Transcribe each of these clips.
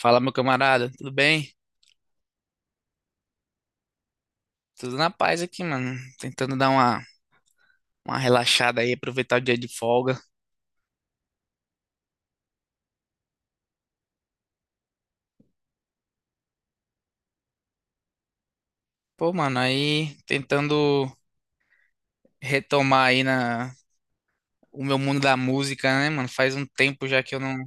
Fala, meu camarada, tudo bem? Tudo na paz aqui, mano. Tentando dar uma relaxada aí, aproveitar o dia de folga. Pô, mano, aí tentando retomar o meu mundo da música, né, mano? Faz um tempo já que eu não,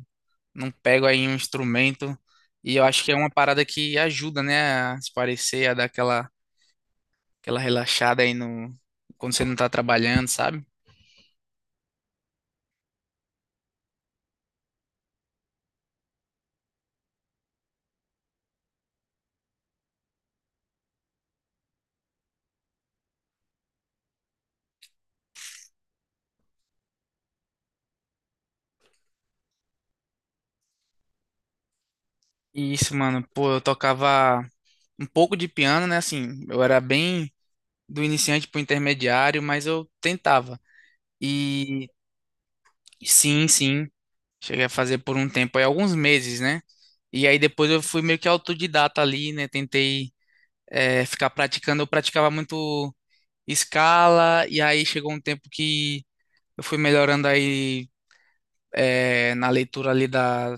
não pego aí um instrumento. E eu acho que é uma parada que ajuda, né, a se parecer, a dar aquela relaxada aí no, quando você não tá trabalhando, sabe? E isso, mano, pô, eu tocava um pouco de piano, né? Assim, eu era bem do iniciante para o intermediário, mas eu tentava. E sim, sim, cheguei a fazer por um tempo, aí alguns meses, né? E aí depois eu fui meio que autodidata ali, né? Tentei ficar praticando, eu praticava muito escala, e aí chegou um tempo que eu fui melhorando aí na leitura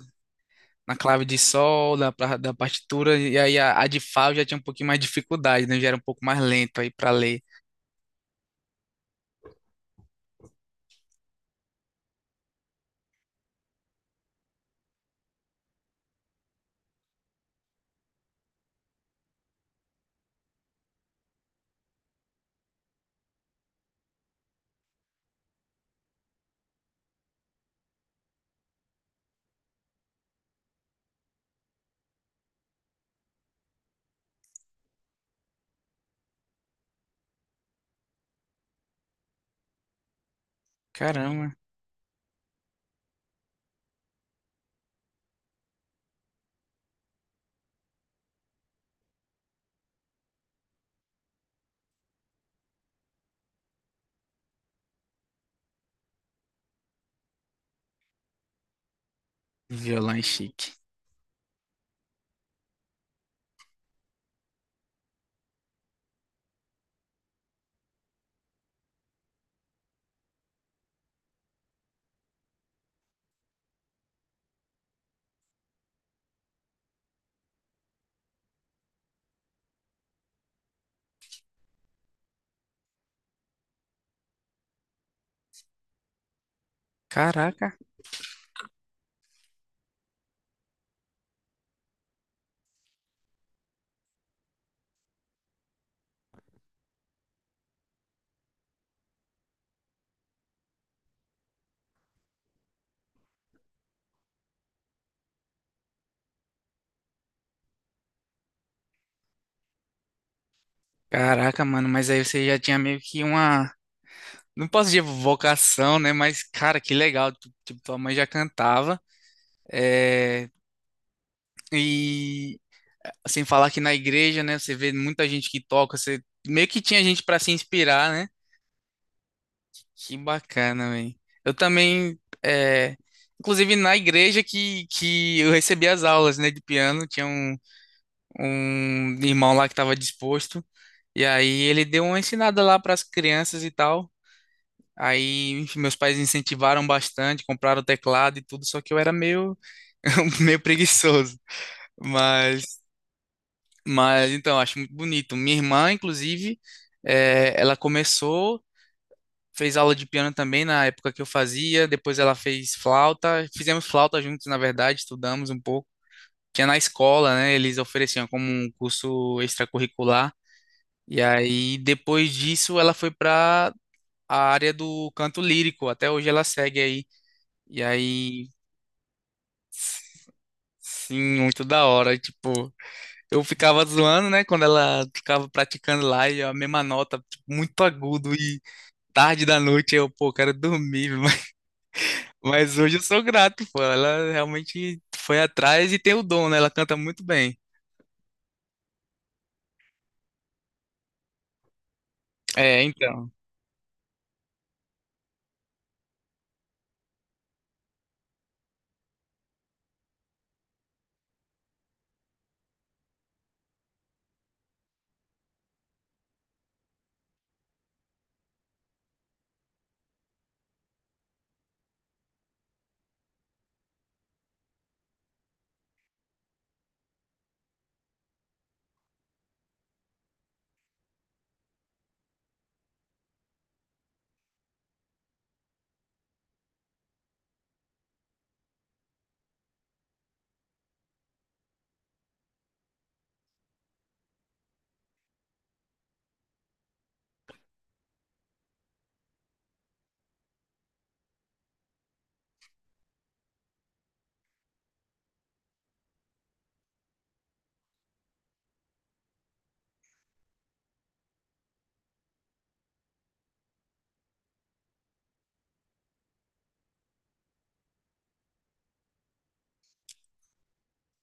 na clave de sol, da partitura, e aí a de Fá eu já tinha um pouquinho mais de dificuldade, né? Eu já era um pouco mais lento aí para ler. Caramba, violão é chique. Caraca. Caraca, mano, mas aí você já tinha meio que uma. Não posso dizer vocação, né? Mas, cara, que legal. Tipo, tua mãe já cantava. É. E sem falar que na igreja, né? Você vê muita gente que toca. Você meio que tinha gente pra se inspirar, né? Que bacana, velho. Eu também. É. Inclusive, na igreja que eu recebi as aulas, né, de piano, tinha um irmão lá que estava disposto. E aí ele deu uma ensinada lá para as crianças e tal. Aí, enfim, meus pais incentivaram bastante, compraram teclado e tudo, só que eu era meio, meio preguiçoso. Mas, mas, então, acho muito bonito. Minha irmã, inclusive, ela começou, fez aula de piano também na época que eu fazia, depois ela fez flauta, fizemos flauta juntos, na verdade, estudamos um pouco. Tinha na escola, né? Eles ofereciam como um curso extracurricular. E aí, depois disso, ela foi para a área do canto lírico. Até hoje ela segue aí. E aí. Sim, muito da hora. E, tipo, eu ficava zoando, né? Quando ela ficava praticando lá e a mesma nota, tipo, muito agudo e tarde da noite, eu, pô, quero dormir. Mas, hoje eu sou grato, pô. Ela realmente foi atrás e tem o dom, né? Ela canta muito bem. É, então.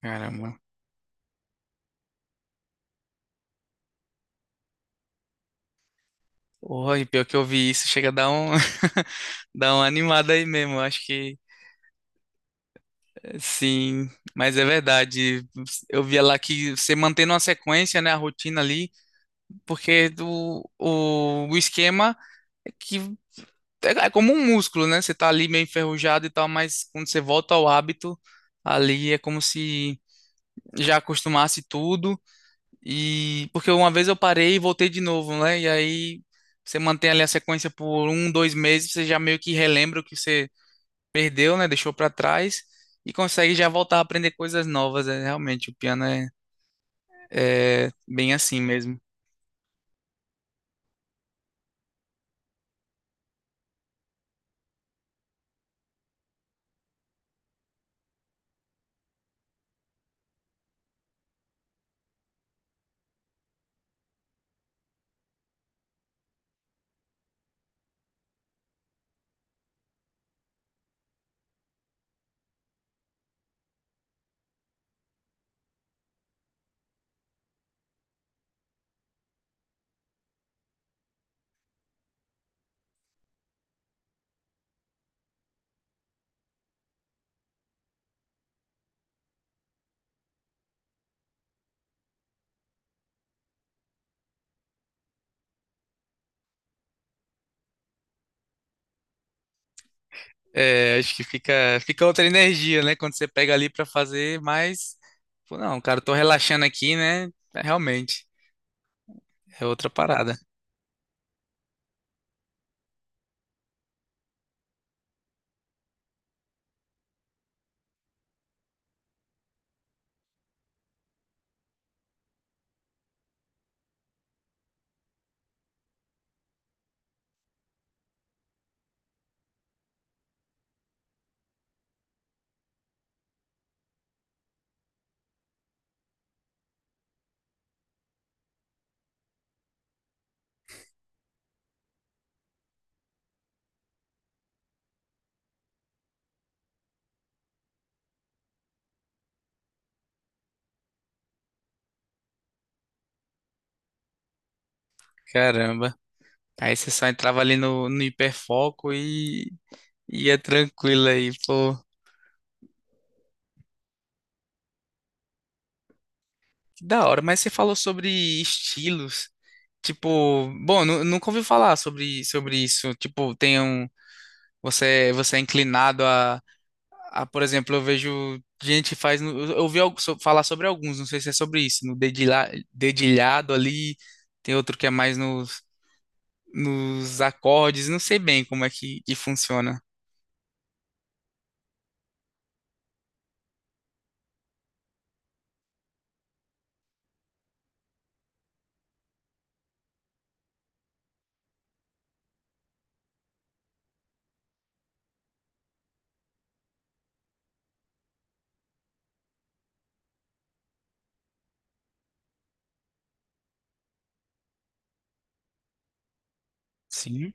Caramba. Porra, e pior que eu vi isso, chega a dar um, dar uma animada aí mesmo. Eu acho que sim, mas é verdade. Eu via lá que você mantendo uma sequência, né? A rotina ali. Porque o esquema é que é como um músculo, né? Você tá ali meio enferrujado e tal, mas quando você volta ao hábito, ali é como se já acostumasse tudo. E porque uma vez eu parei e voltei de novo, né? E aí você mantém ali a sequência por um, dois meses, você já meio que relembra o que você perdeu, né? Deixou pra trás e consegue já voltar a aprender coisas novas. É, realmente, o piano é, bem assim mesmo. É, acho que fica outra energia, né? Quando você pega ali pra fazer, mas, pô, não, cara, eu tô relaxando aqui, né? É, realmente, é outra parada. Caramba. Aí você só entrava ali no hiperfoco e ia tranquilo aí, pô. Que da hora, mas você falou sobre estilos. Tipo, bom, nunca ouvi falar sobre isso. Tipo, tem um. Você é inclinado. Ah, por exemplo, eu vejo gente que faz. Eu ouvi falar sobre alguns, não sei se é sobre isso, no dedilhado ali, tem outro que é mais nos acordes, não sei bem como é que funciona. Sim.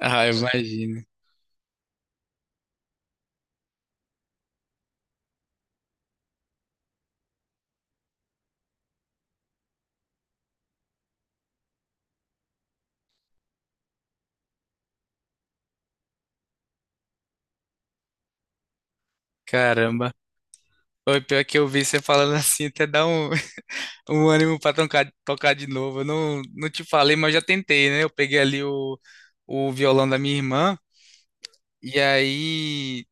Ah, eu imagino. Caramba. O pior que eu vi você falando assim, até dá um, um ânimo pra tocar, de novo. Eu não te falei, mas eu já tentei, né? Eu peguei ali o violão da minha irmã, e aí.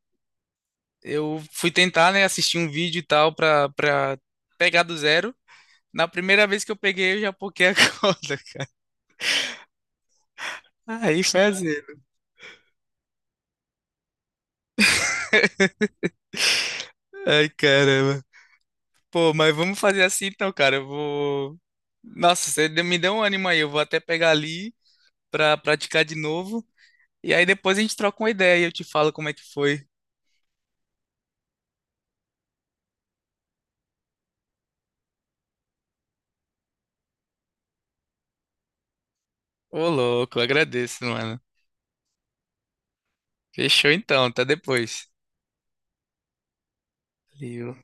Eu fui tentar, né, assistir um vídeo e tal pra pegar do zero. Na primeira vez que eu peguei, eu já poquei a corda. Aí fazer. Ai, caramba. Pô, mas vamos fazer assim então, cara. Eu vou. Nossa, você me deu um ânimo aí. Eu vou até pegar ali pra praticar de novo. E aí depois a gente troca uma ideia e eu te falo como é que foi. Ô, louco, agradeço, mano. Fechou então, até depois. Valeu.